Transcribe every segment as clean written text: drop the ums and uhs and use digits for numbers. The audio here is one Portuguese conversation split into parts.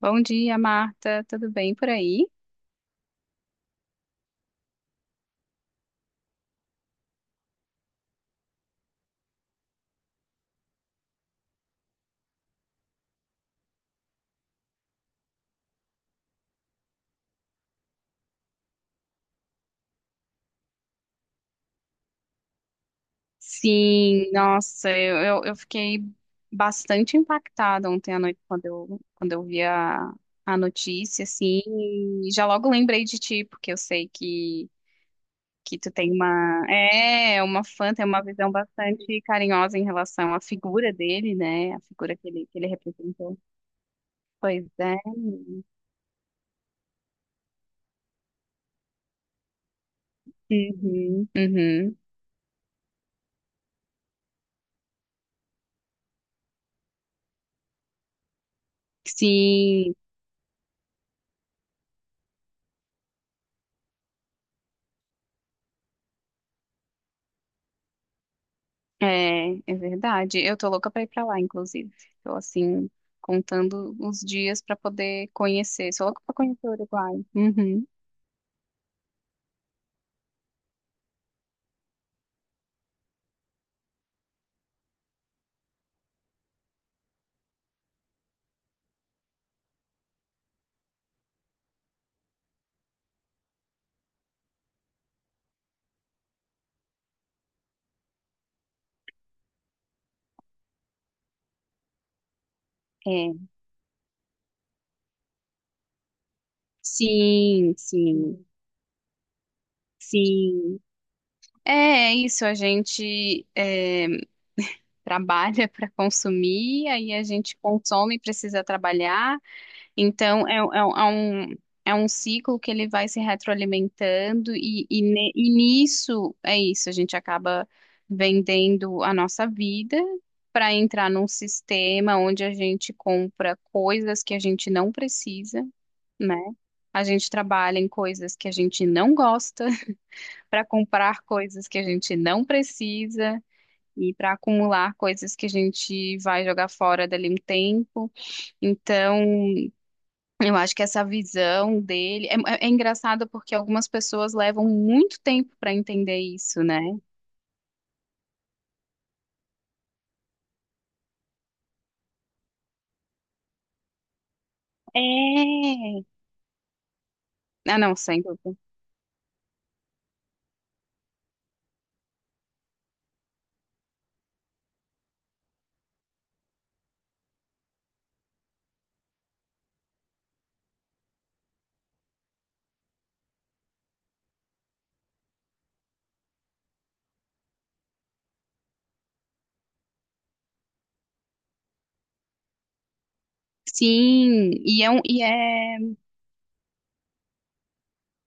Bom dia, Marta. Tudo bem por aí? Sim, nossa, eu fiquei bastante impactada ontem à noite quando quando eu vi a notícia, assim, e já logo lembrei de ti, porque eu sei que tu tem uma, uma fã, tem uma visão bastante carinhosa em relação à figura dele, né? A figura que ele representou. Pois é. Uhum, uhum. Sim. É, é verdade. Eu tô louca pra ir pra lá, inclusive. Tô assim, contando os dias pra poder conhecer. Sou louca pra conhecer o Uruguai. Uhum. É. Sim, sim, sim. É, é isso. Trabalha pra consumir, aí a gente consome e precisa trabalhar. Então, um é um ciclo que ele vai se retroalimentando, e nisso é isso, a gente acaba vendendo a nossa vida para entrar num sistema onde a gente compra coisas que a gente não precisa, né? A gente trabalha em coisas que a gente não gosta, para comprar coisas que a gente não precisa. E para acumular coisas que a gente vai jogar fora dali um tempo. Então, eu acho que essa visão dele é engraçado porque algumas pessoas levam muito tempo para entender isso, né? É. Ah, não, sem dúvida. Sim, e é um, e é,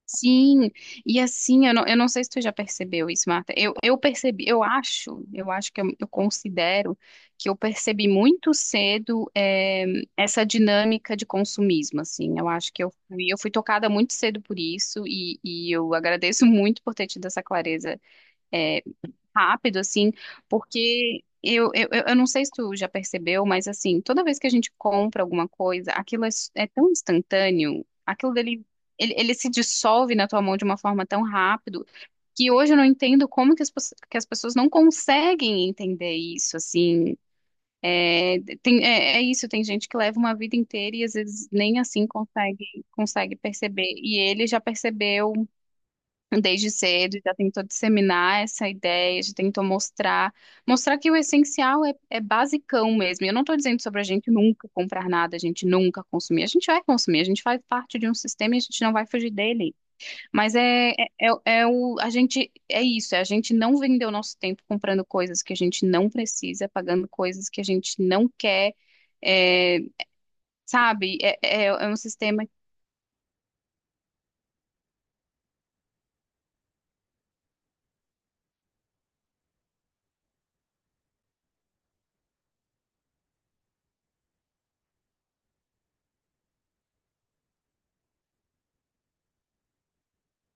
sim, e assim, eu não sei se tu já percebeu isso, Marta. Eu percebi, eu acho que eu considero que eu percebi muito cedo, essa dinâmica de consumismo, assim. Eu acho que eu fui tocada muito cedo por isso e eu agradeço muito por ter tido essa clareza, eh, rápido, assim, porque eu não sei se tu já percebeu, mas assim, toda vez que a gente compra alguma coisa, é tão instantâneo, aquilo dele, ele se dissolve na tua mão de uma forma tão rápido, que hoje eu não entendo como que as pessoas não conseguem entender isso, assim, é isso, tem gente que leva uma vida inteira e às vezes nem assim consegue, consegue perceber, e ele já percebeu desde cedo, já tentou disseminar essa ideia, já tentou mostrar, mostrar que o essencial é basicão mesmo. E eu não estou dizendo sobre a gente nunca comprar nada, a gente nunca consumir. A gente vai consumir, a gente faz parte de um sistema e a gente não vai fugir dele. Mas é, é, é é o, a gente, é isso, é a gente não vender o nosso tempo comprando coisas que a gente não precisa, pagando coisas que a gente não quer, é, sabe? É um sistema.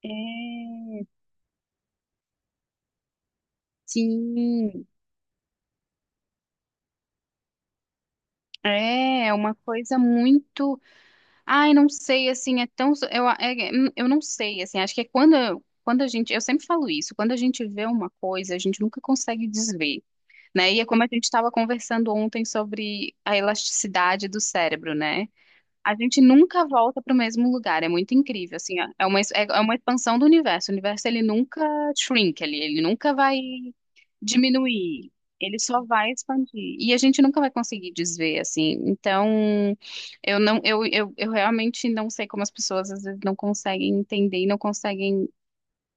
É, sim. É uma coisa muito. Ai, não sei, assim, é tão. Eu não sei, assim, acho que é quando a gente. Eu sempre falo isso, quando a gente vê uma coisa, a gente nunca consegue desver, né? E é como a gente estava conversando ontem sobre a elasticidade do cérebro, né? A gente nunca volta para o mesmo lugar, é muito incrível, assim, é é uma, es- é é uma expansão do universo. O universo, ele nunca shrink, ele nunca vai diminuir, ele só vai expandir. E a gente nunca vai conseguir desver, assim. Então, eu realmente não sei como as pessoas às vezes não conseguem entender e não conseguem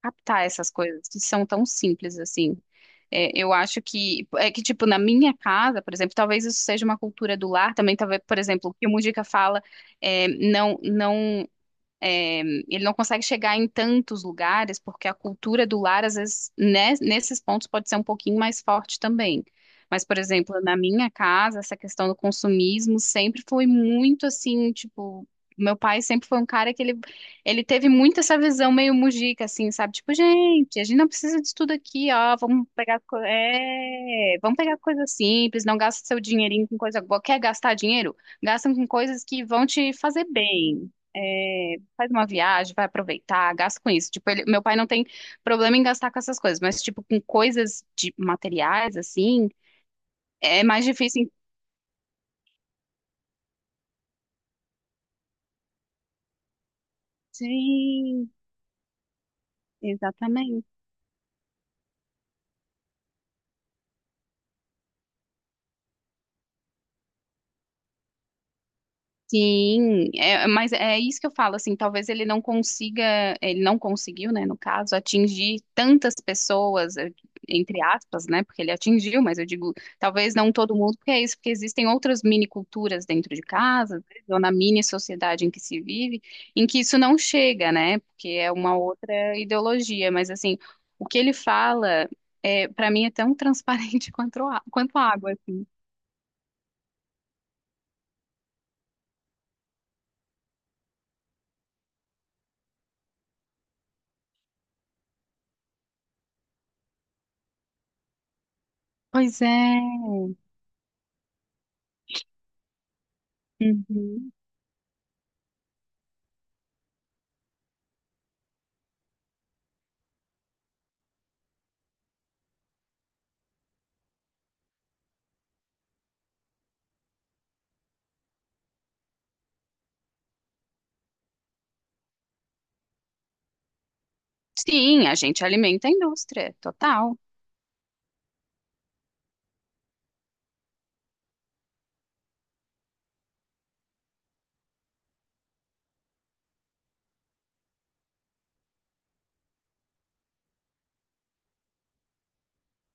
captar essas coisas que são tão simples assim. É, eu acho que é que tipo na minha casa, por exemplo, talvez isso seja uma cultura do lar também, talvez, por exemplo, o que o Mujica fala, não. É, ele não consegue chegar em tantos lugares, porque a cultura do lar, às vezes, né, nesses pontos pode ser um pouquinho mais forte também. Mas, por exemplo, na minha casa, essa questão do consumismo sempre foi muito assim, tipo, meu pai sempre foi um cara que ele teve muito essa visão meio mujica, assim, sabe? Tipo, gente, a gente não precisa disso tudo aqui, ó, vamos pegar coisa simples, não gasta seu dinheirinho com coisa boa. Quer gastar dinheiro? Gasta com coisas que vão te fazer bem. É, faz uma viagem, vai aproveitar, gasta com isso. Tipo, meu pai não tem problema em gastar com essas coisas, mas, tipo, com coisas de materiais, assim, é mais difícil. Sim, exatamente. Sim, é, mas é isso que eu falo, assim, talvez ele não conseguiu, né, no caso, atingir tantas pessoas, entre aspas, né, porque ele atingiu, mas eu digo, talvez não todo mundo, porque é isso, porque existem outras mini culturas dentro de casa, às vezes, ou na mini sociedade em que se vive, em que isso não chega, né, porque é uma outra ideologia, mas assim, o que ele fala, para mim é tão transparente quanto, quanto água, assim. Pois é. Uhum. Sim, a gente alimenta a indústria, total.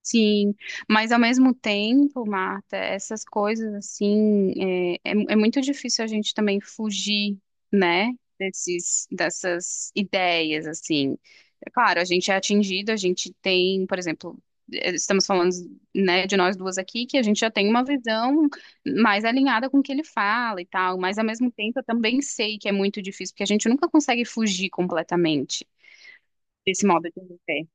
Sim, mas ao mesmo tempo, Marta, essas coisas assim, é muito difícil a gente também fugir, né, dessas ideias, assim. É claro, a gente é atingido, a gente tem, por exemplo, estamos falando, né, de nós duas aqui, que a gente já tem uma visão mais alinhada com o que ele fala e tal, mas ao mesmo tempo eu também sei que é muito difícil, porque a gente nunca consegue fugir completamente desse modo de viver.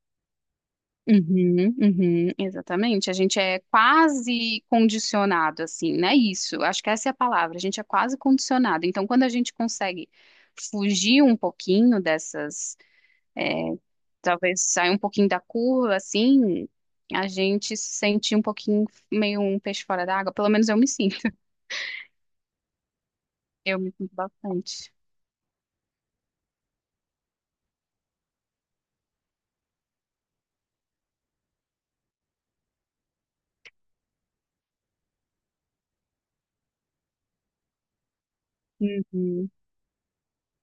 Uhum, uhum, exatamente. A gente é quase condicionado, assim, né? Isso, acho que essa é a palavra. A gente é quase condicionado. Então, quando a gente consegue fugir um pouquinho dessas, talvez sair um pouquinho da curva, assim, a gente se sente um pouquinho meio um peixe fora d'água. Pelo menos eu me sinto. Eu me sinto bastante. Uhum.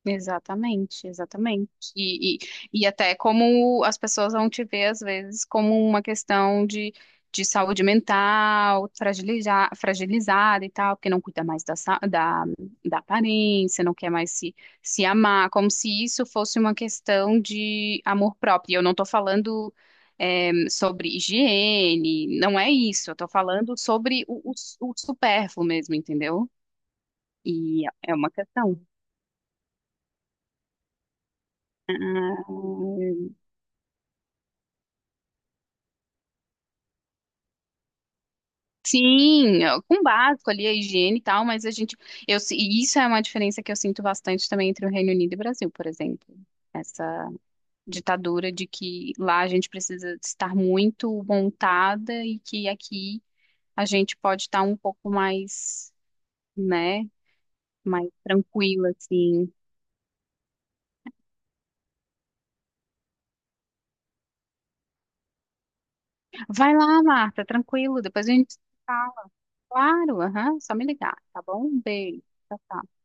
Exatamente, exatamente. E até como as pessoas vão te ver, às vezes, como uma questão de saúde mental, fragilizada e tal, porque não cuida mais da aparência, não quer mais se amar, como se isso fosse uma questão de amor próprio. E eu não estou falando, sobre higiene, não é isso, eu estou falando sobre o supérfluo mesmo, entendeu? E é uma questão. Ah, sim, com básico ali, a higiene e tal, mas a gente, eu, se- e isso é uma diferença que eu sinto bastante também entre o Reino Unido e o Brasil, por exemplo. Essa ditadura de que lá a gente precisa estar muito montada e que aqui a gente pode estar um pouco mais, né, mais tranquila, assim. Vai lá, Marta, tranquilo, depois a gente fala. Claro, aham, só me ligar, tá bom? Um beijo. Tchau, tchau.